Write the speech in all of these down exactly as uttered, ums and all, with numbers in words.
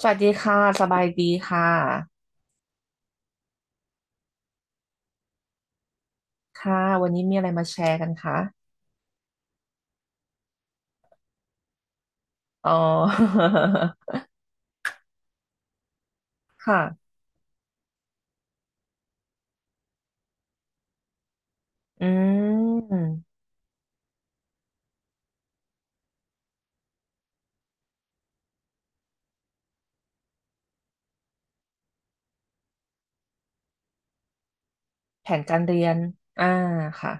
สวัสดีค่ะ สบายดีค่ะ ค่ะ วันนี้มีอะไรมาแชร์กันคะอ๋อ ค่ะ อืม แผนการเรียน อ่าค่ะ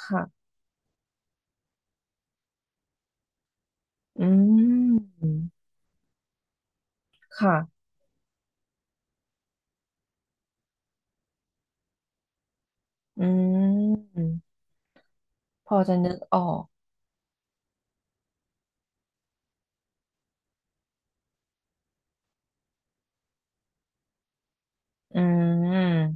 ค่ะ อืม ค่ะ อืม พอจะนึกออก อืม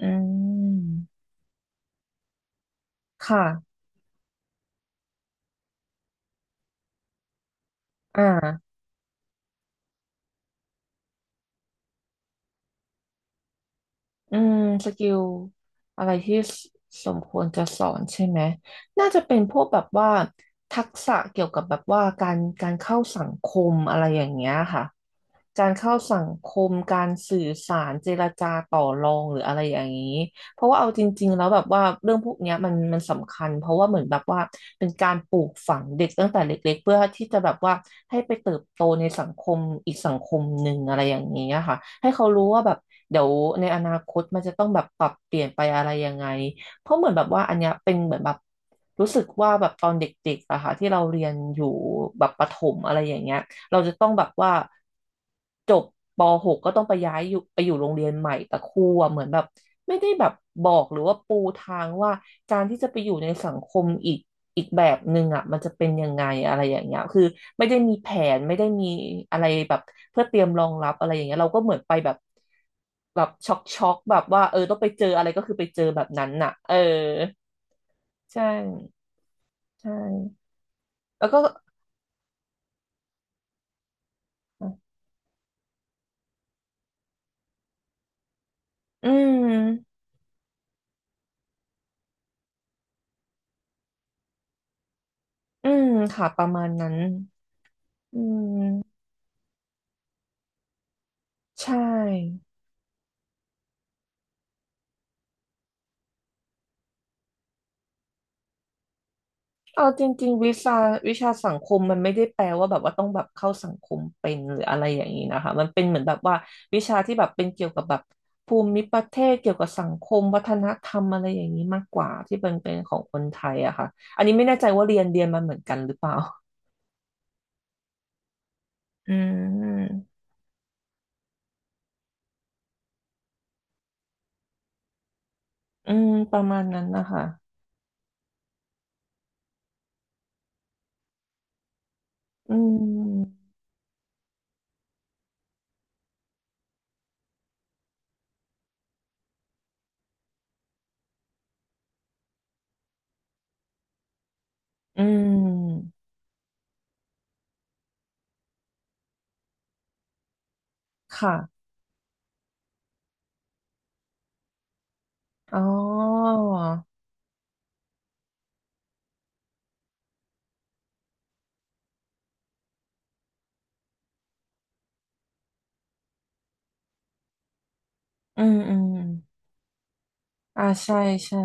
อืม ค่ะอ่า อืมสกิลอะไรที่สสมควรจะสอนใช่ไหมน่าจะเป็นพวกแบบว่าทักษะเกี่ยวกับแบบว่าการการเข้าสังคมอะไรอย่างเงี้ยค่ะ การเข้าสังคมการสื่อสารเจรจาต่อรองหรืออะไรอย่างนี้เพราะว่าเอาจริงๆแล้วแบบว่าเรื่องพวกเนี้ยมันมันสำคัญเพราะว่าเหมือนแบบว่าเป็นการปลูกฝังเด็กตั้งแต่เล็กๆเพื่อที่จะแบบว่าให้ไปเติบโตในสังคมอีกสังคมหนึ่งอะไรอย่างนี้ยค่ะให้เขารู้ว่าแบบเดี๋ยวในอนาคตมันจะต้องแบบปรับเปลี่ยนไปอะไรยังไงเพราะเหมือนแบบว่าอันเนี้ยเป็นเหมือนแบบรู้สึกว่าแบบตอนเด็กๆอะค่ะที่เราเรียนอยู่แบบประถมอะไรอย่างเงี้ย เราจะต้องแบบว่าจบป .หก กก็ต้องไปย้ายอยู่ไปอยู่โรงเรียนใหม่แต่ครูอะเหมือนแบบไม่ได้แบบบอกหรือว่าปูทางว่าการที่จะไปอยู่ในสังคมอีกอีกแบบหนึ่งอ่ะมันจะเป็นยังไงอะไรอย่างเงี้ยคือไม่ได้มีแผนไม่ได้มีอะไรแบบเพื่อเตรียมรองรับอะไรอย่างเงี้ยเราก็เหมือนไปแบบแบบช็อกช็อกแบบว่าเออต้องไปเจออะไรก็คือไปเจอแบบนั้นน่ะเออใช่ใช่แล้วก็อืมอืมค่ะประมาณนั้น อืมใช่เอาจริงๆวิชาวิชาสังคมมันไม่ได้แปลว่าแบบว่าต้องแบบเข้าสังคมเป็นหรืออะไรอย่างนี้นะคะมันเป็นเหมือนแบบว่าวิชาที่แบบเป็นเกี่ยวกับแบบภูมิประเทศเกี่ยวกับสังคมวัฒนธรรมอะไรอย่างนี้มากกว่าที่เป็นเป็นของคนไทยอะค่ะอันนี้ไม่แน่ใจว่าเรียนเรียนมาเหมือนกันหรือเปล่าอืมอืมประมาณนั้นนะคะอืมอืมค่ะอ๋ออืมอืมอ่าใช่ใช่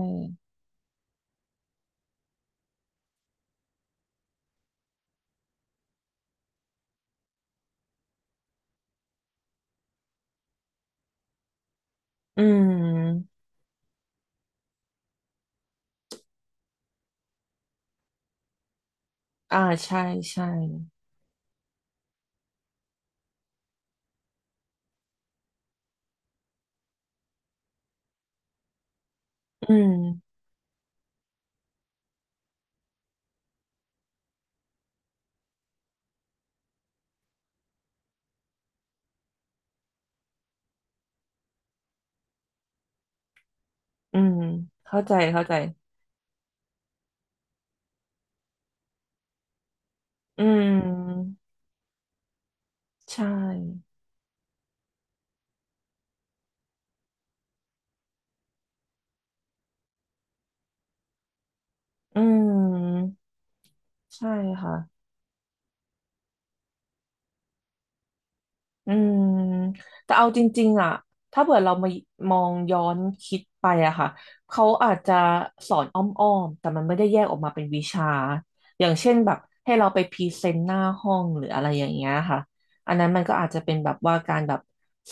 อืม อ่าใช่ใช่อืมอืมเข้าใจเข้าใจอืมใช่อืมใช่ค่ะ อืม แต่เอาจริงๆอ่ะถ้าเผื่อเรามามองย้อนคิดไปอะค่ะเขาอาจจะสอนอ้อมๆ แต่มันไม่ได้แยกออกมาเป็นวิชาอย่างเช่นแบบให้เราไปพรีเซนต์หน้าห้องหรืออะไรอย่างเงี้ยค่ะอันนั้นมันก็อาจจะเป็นแบบว่าการแบบ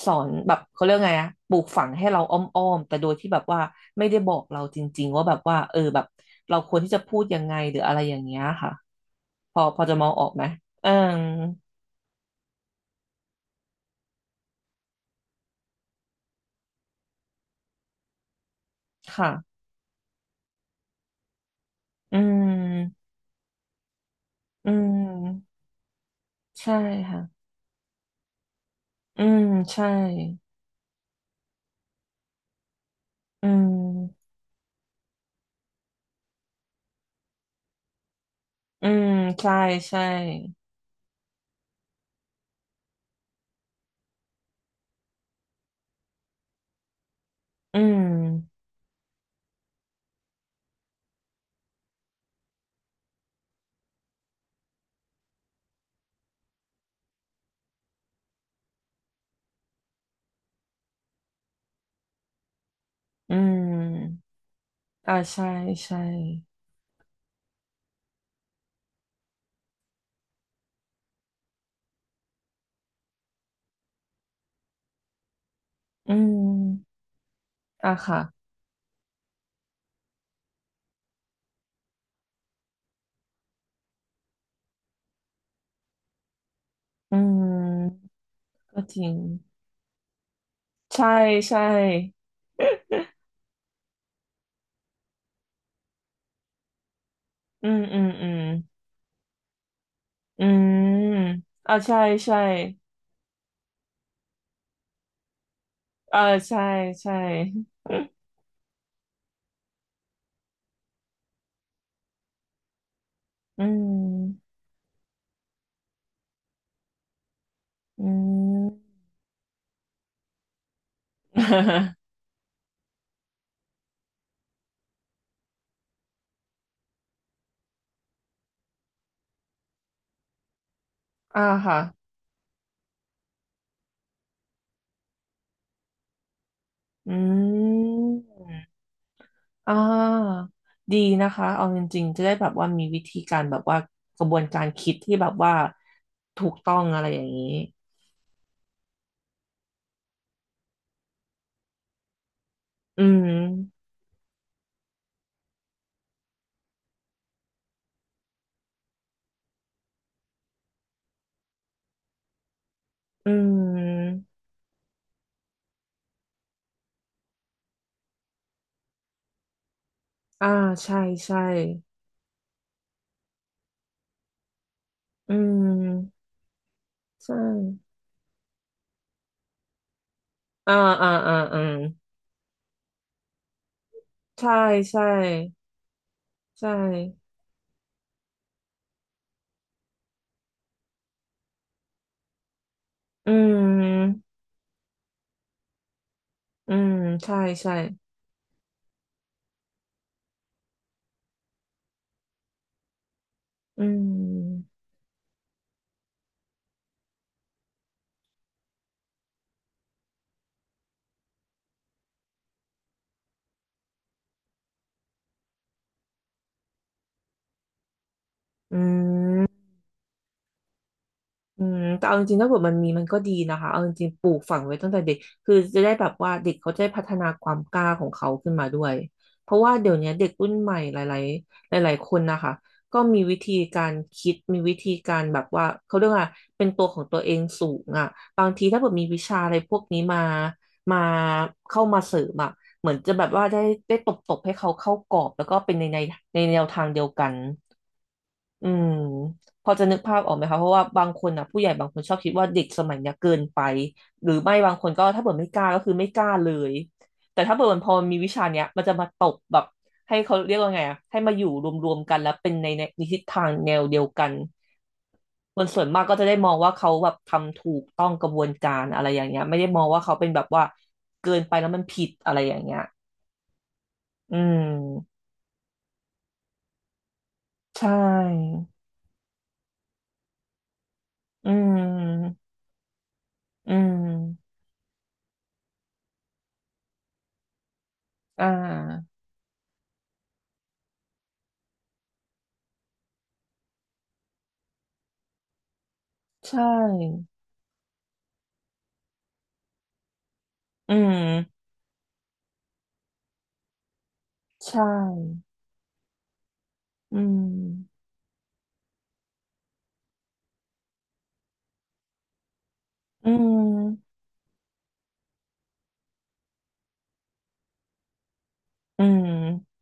สอนแบบเขาเรียกไงอะปลูกฝังให้เราอ้อมๆ แต่โดยที่แบบว่าไม่ได้บอกเราจริงๆ ว่าแบบว่าเออแบบเราควรที่จะพูดยังไงหรืออะไรอย่างเงี้ยค่ะพอพอจะมองออกไหมเออค่ะอืม อืมใช่ค่ะอืมใช่อืมอืมใช่ใช่อืมอืมอ่าใช่ใช่อืมอ่ะค่ะอืมก็จริงใช่ใช่อืมอืมอืมอืมอ่าใช่ใช่อ่าใช่ใช่อืมอืม อ่าค่ะอืม อ่าดีนะคะเอาจริงๆจะได้แบบว่ามีวิธีการแบบว่ากระบวนการคิดที่แบบว่าถูกต้องอะไรอย่างนี้อืมอืมอ่าใช่ใช่อืมใช่อ่าอ่าอ่าอืมใช่ใช่ใช่อืมอืมใช่ใช่อืมอืม อืมแต่เอาจริงๆถ้าเกิดมันมีมันก็ดีนะคะเอาจริงๆปลูกฝังไว้ตั้งแต่เด็กคือจะได้แบบว่าเด็กเขาจะได้พัฒนาความกล้าของเขาขึ้นมาด้วยเพราะว่าเดี๋ยวนี้เด็กรุ่นใหม่หลายๆหลายๆคนนะคะก็มีวิธีการคิดมีวิธีการแบบว่าเขาเรียกว่าเป็นตัวของตัวเองสูงอ่ะบางทีถ้าเกิดมีวิชาอะไรพวกนี้มามาเข้ามาเสริมอ่ะเหมือนจะแบบว่าได้ได้ตบๆให้เขาเข้ากรอบแล้วก็เป็นในในในแนวทางเดียวกัน อืมพอจะนึกภาพออกไหมคะเพราะว่าบางคนนะผู้ใหญ่บางคนชอบคิดว่าเด็กสมัยเนี้ยเกินไปหรือไม่บางคนก็ถ้าเกิดไม่กล้าก็คือไม่กล้าเลยแต่ถ้าเกิดมันพอมีวิชาเนี้ยมันจะมาตบแบบให้เขาเรียกว่าไงอะให้มาอยู่รวมๆกันแล้วเป็นในในทิศทางแนวเดียวกันคนส่วนมากก็จะได้มองว่าเขาแบบทำถูกต้องกระบวนการอะไรอย่างเงี้ยไม่ได้มองว่าเขาเป็นแบบว่าเกินไปแล้วมันผิดอะไรอย่างเงี้ยอืมใช่อืมอืมอ่า ใช่อืมใช่ อืม อืม อืม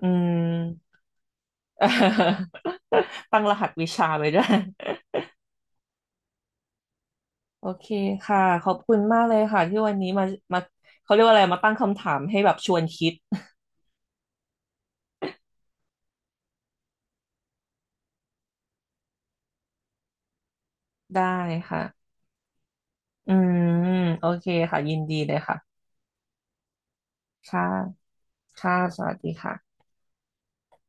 อืม ตั้งรหัสวิชาไปด้วยโอเคค่ะขอบคุณมากเลยค่ะที่วันนี้มามาเขาเรียกว่าอะไรมาตั้งคำถามให้แบบชวนคิด ได้ค่ะอืมโอเคค่ะยินดีเลยค่ะค่ะค่ะสวัสดีค่ะ